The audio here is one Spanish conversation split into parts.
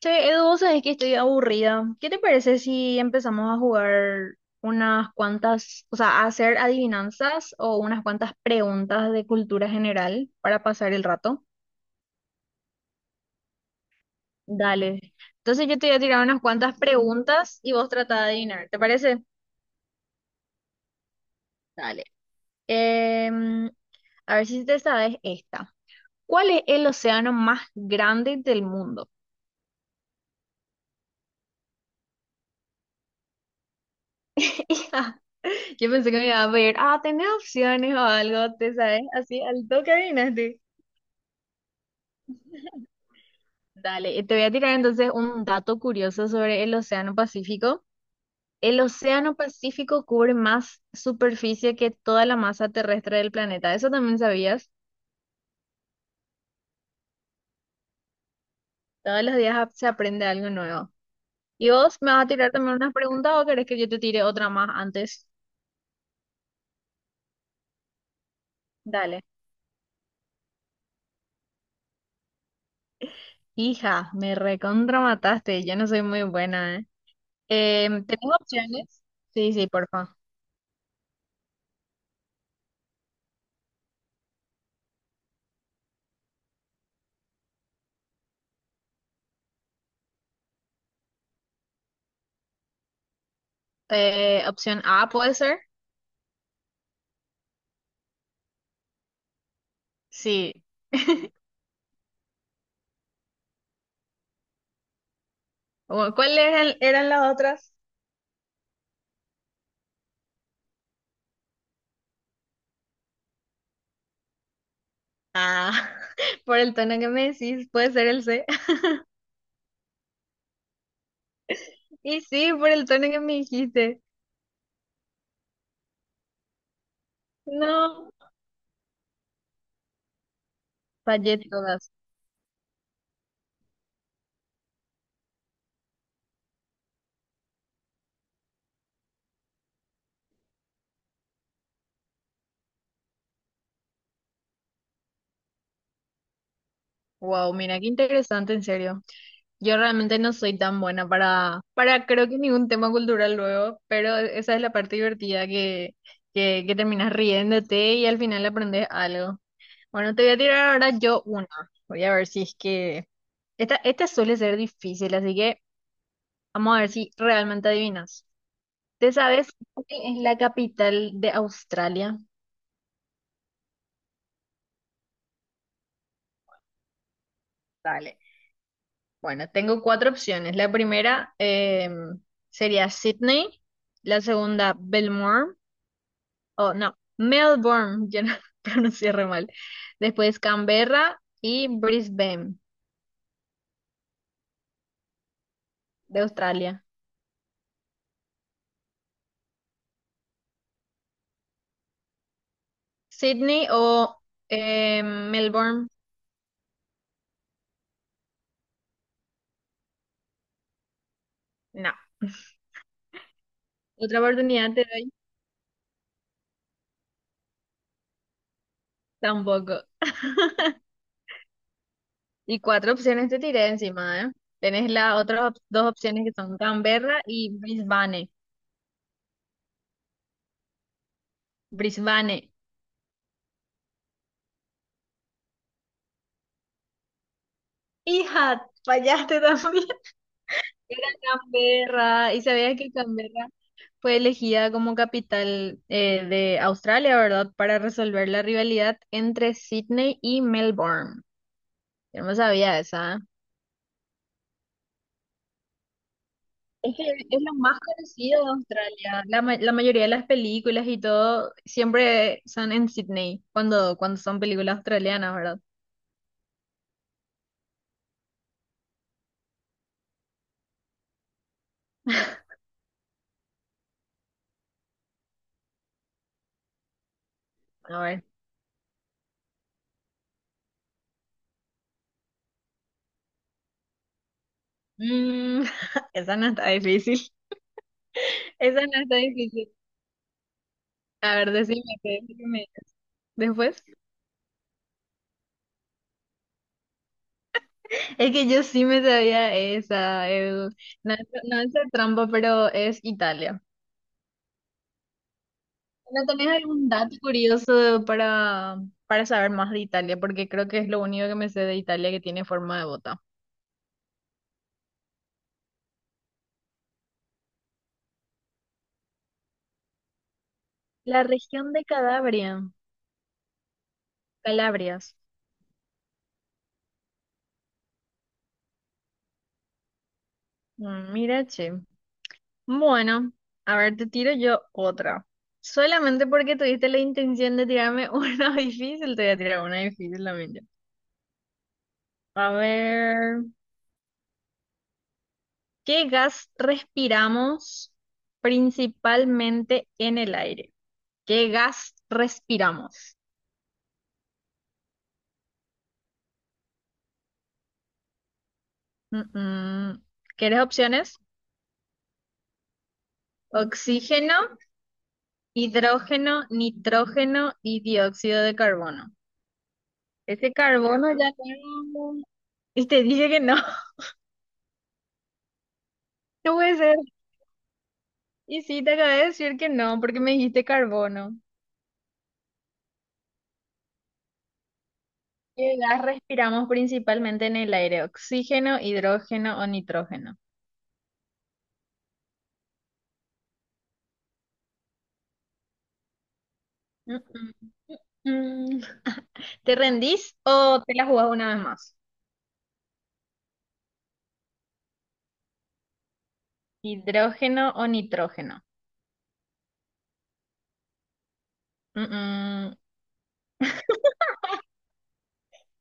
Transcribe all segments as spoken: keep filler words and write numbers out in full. Che, Edu, vos sabés que estoy aburrida. ¿Qué te parece si empezamos a jugar unas cuantas, o sea, a hacer adivinanzas o unas cuantas preguntas de cultura general para pasar el rato? Dale. Entonces yo te voy a tirar unas cuantas preguntas y vos trata de adivinar. ¿Te parece? Dale. Em, a ver si te sabes esta. ¿Cuál es el océano más grande del mundo? Hija, yo pensé que me iba a ver. Ah, tenés opciones o algo, ¿te sabes? Así al toque adivinaste. Dale, eh, te voy a tirar entonces un dato curioso sobre el Océano Pacífico. El Océano Pacífico cubre más superficie que toda la masa terrestre del planeta. Eso también sabías. Todos los días ap- se aprende algo nuevo. ¿Y vos me vas a tirar también unas preguntas o querés que yo te tire otra más antes? Dale. Hija, me recontra. Yo no soy muy buena, ¿eh? Em, ¿tenés opciones? Sí, sí, porfa. Eh, opción A puede ser. Sí. ¿Cuáles eran, eran las otras? Ah, por el tono que me decís, puede ser el C. Y sí, por el tono que me dijiste. No, fallé todas. Wow, mira qué interesante, en serio. Yo realmente no soy tan buena para, para creo que ningún tema cultural luego, pero e, esa es la parte divertida que, que, que terminas riéndote y al final aprendes algo. Bueno, te voy a tirar ahora yo una. Voy a ver si es que... Esta, esta suele ser difícil, así que vamos a ver si realmente adivinas. ¿Te sabes cuál es la capital de Australia? Dale. Bueno, tengo cuatro opciones. La primera eh, sería Sydney, la segunda Belmore, o no, Melbourne, yo no pronuncié re mal. Después Canberra y Brisbane de Australia. Sydney o eh, Melbourne, no. Otra oportunidad te doy, tampoco. Y cuatro opciones te tiré encima, ¿eh? Tenés las otras op- dos opciones que son Canberra y Brisbane. Brisbane. Hija, fallaste también. Era Canberra. ¿Y sabías que Canberra fue elegida como capital eh, de Australia, ¿verdad? Para resolver la rivalidad entre Sydney y Melbourne. Yo no sabía esa. Es que es lo más conocido de Australia. La, ma- la mayoría de las películas y todo siempre son en Sydney, cuando, cuando son películas australianas, ¿verdad? A ver. Mm, esa no está difícil. Esa no está difícil. A ver, decime, ¿qué- ¿qué después? Es que yo sí me sabía esa, el no, es- no es de trampa, pero es Italia. ¿No tenés algún dato curioso para, para saber más de Italia? Porque creo que es lo único que me sé de Italia, que tiene forma de bota. La región de Calabria, Calabrias. Mm, mira, che. Bueno, a ver, te tiro yo otra. Solamente porque tuviste la intención de tirarme una difícil, te voy a tirar una difícil también yo. A ver. ¿Qué gas respiramos principalmente en el aire? ¿Qué gas respiramos? Mm, mm. ¿Quieres opciones? Oxígeno, hidrógeno, nitrógeno y dióxido de carbono. Ese carbono ya no... Y te dije que no. No puede ser. Y sí, te acabé de decir que no, porque me dijiste carbono. ¿Qué gas respiramos principalmente en el aire? ¿Oxígeno, hidrógeno o nitrógeno? Mm, mm. Mm, ¿te rendís o te la jugás una vez más? ¿Hidrógeno o nitrógeno? Mm, mm.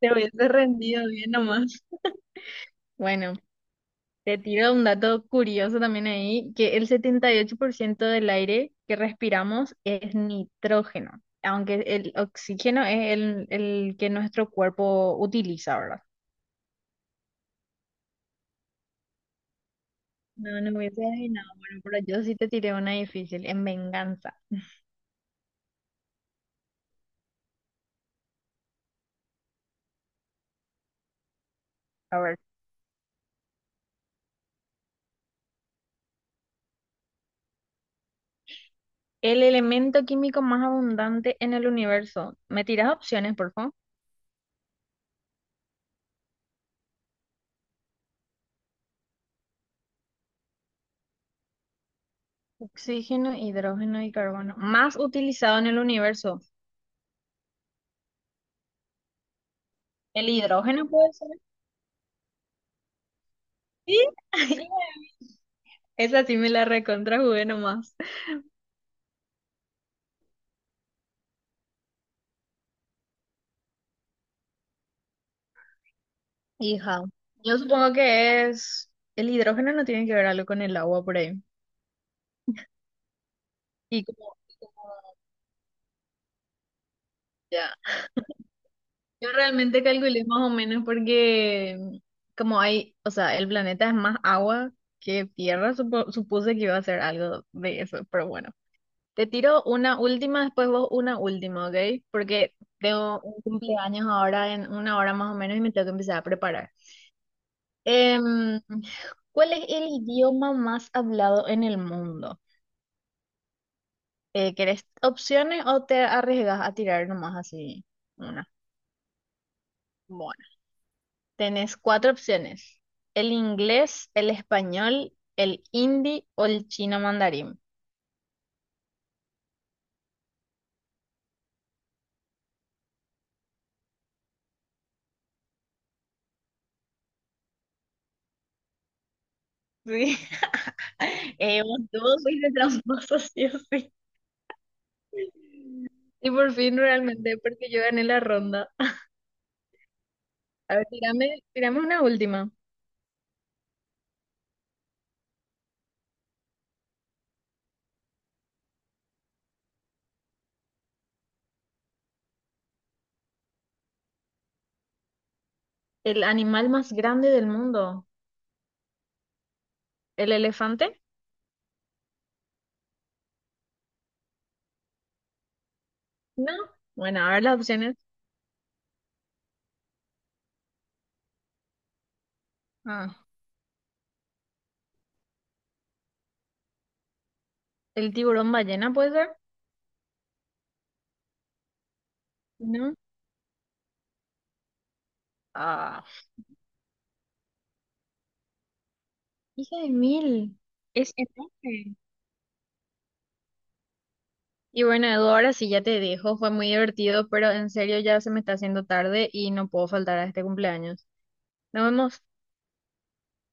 Te hubiese rendido bien nomás. Bueno, te tiro un dato curioso también ahí, que el setenta y ocho por ciento del aire que respiramos es nitrógeno, aunque el oxígeno es el, el que nuestro cuerpo utiliza, ¿verdad? No, no hubiese adivinado. Bueno, pero yo sí te tiré una difícil, en venganza. A ver, el elemento químico más abundante en el universo. ¿Me tiras opciones, por favor? Oxígeno, hidrógeno y carbono. Más utilizado en el universo. El hidrógeno puede ser. Sí. Esa sí me la recontrajugué nomás. Hija. Yo supongo que es. El hidrógeno no tiene que ver algo con el agua por ahí. Y como, ya. Yo realmente calculé más o menos porque como hay, o sea, el planeta es más agua que tierra, supo- supuse que iba a ser algo de eso, pero bueno. Te tiro una última, después vos una última, ¿ok? Porque tengo un cumpleaños ahora en una hora más o menos y me tengo que empezar a preparar. Em, ¿cuál es el idioma más hablado en el mundo? Eh, ¿querés opciones o te arriesgas a tirar nomás así una? Bueno, tenés cuatro opciones. El inglés, el español, el hindi o el chino mandarín. Sí. Eh, vos todos sois de tramposos, sí o sí. Y por fin realmente, porque yo gané la ronda. A ver, tirame, tirame una última. ¿El animal más grande del mundo? ¿El elefante? No. Bueno, a ver las opciones. Ah, ¿el tiburón ballena puede ser? No. Ah, hija de mil. Es enorme. Y bueno, Edu, ahora sí ya te dejo. Fue muy divertido, pero en serio ya se me está haciendo tarde y no puedo faltar a este cumpleaños. Nos vemos.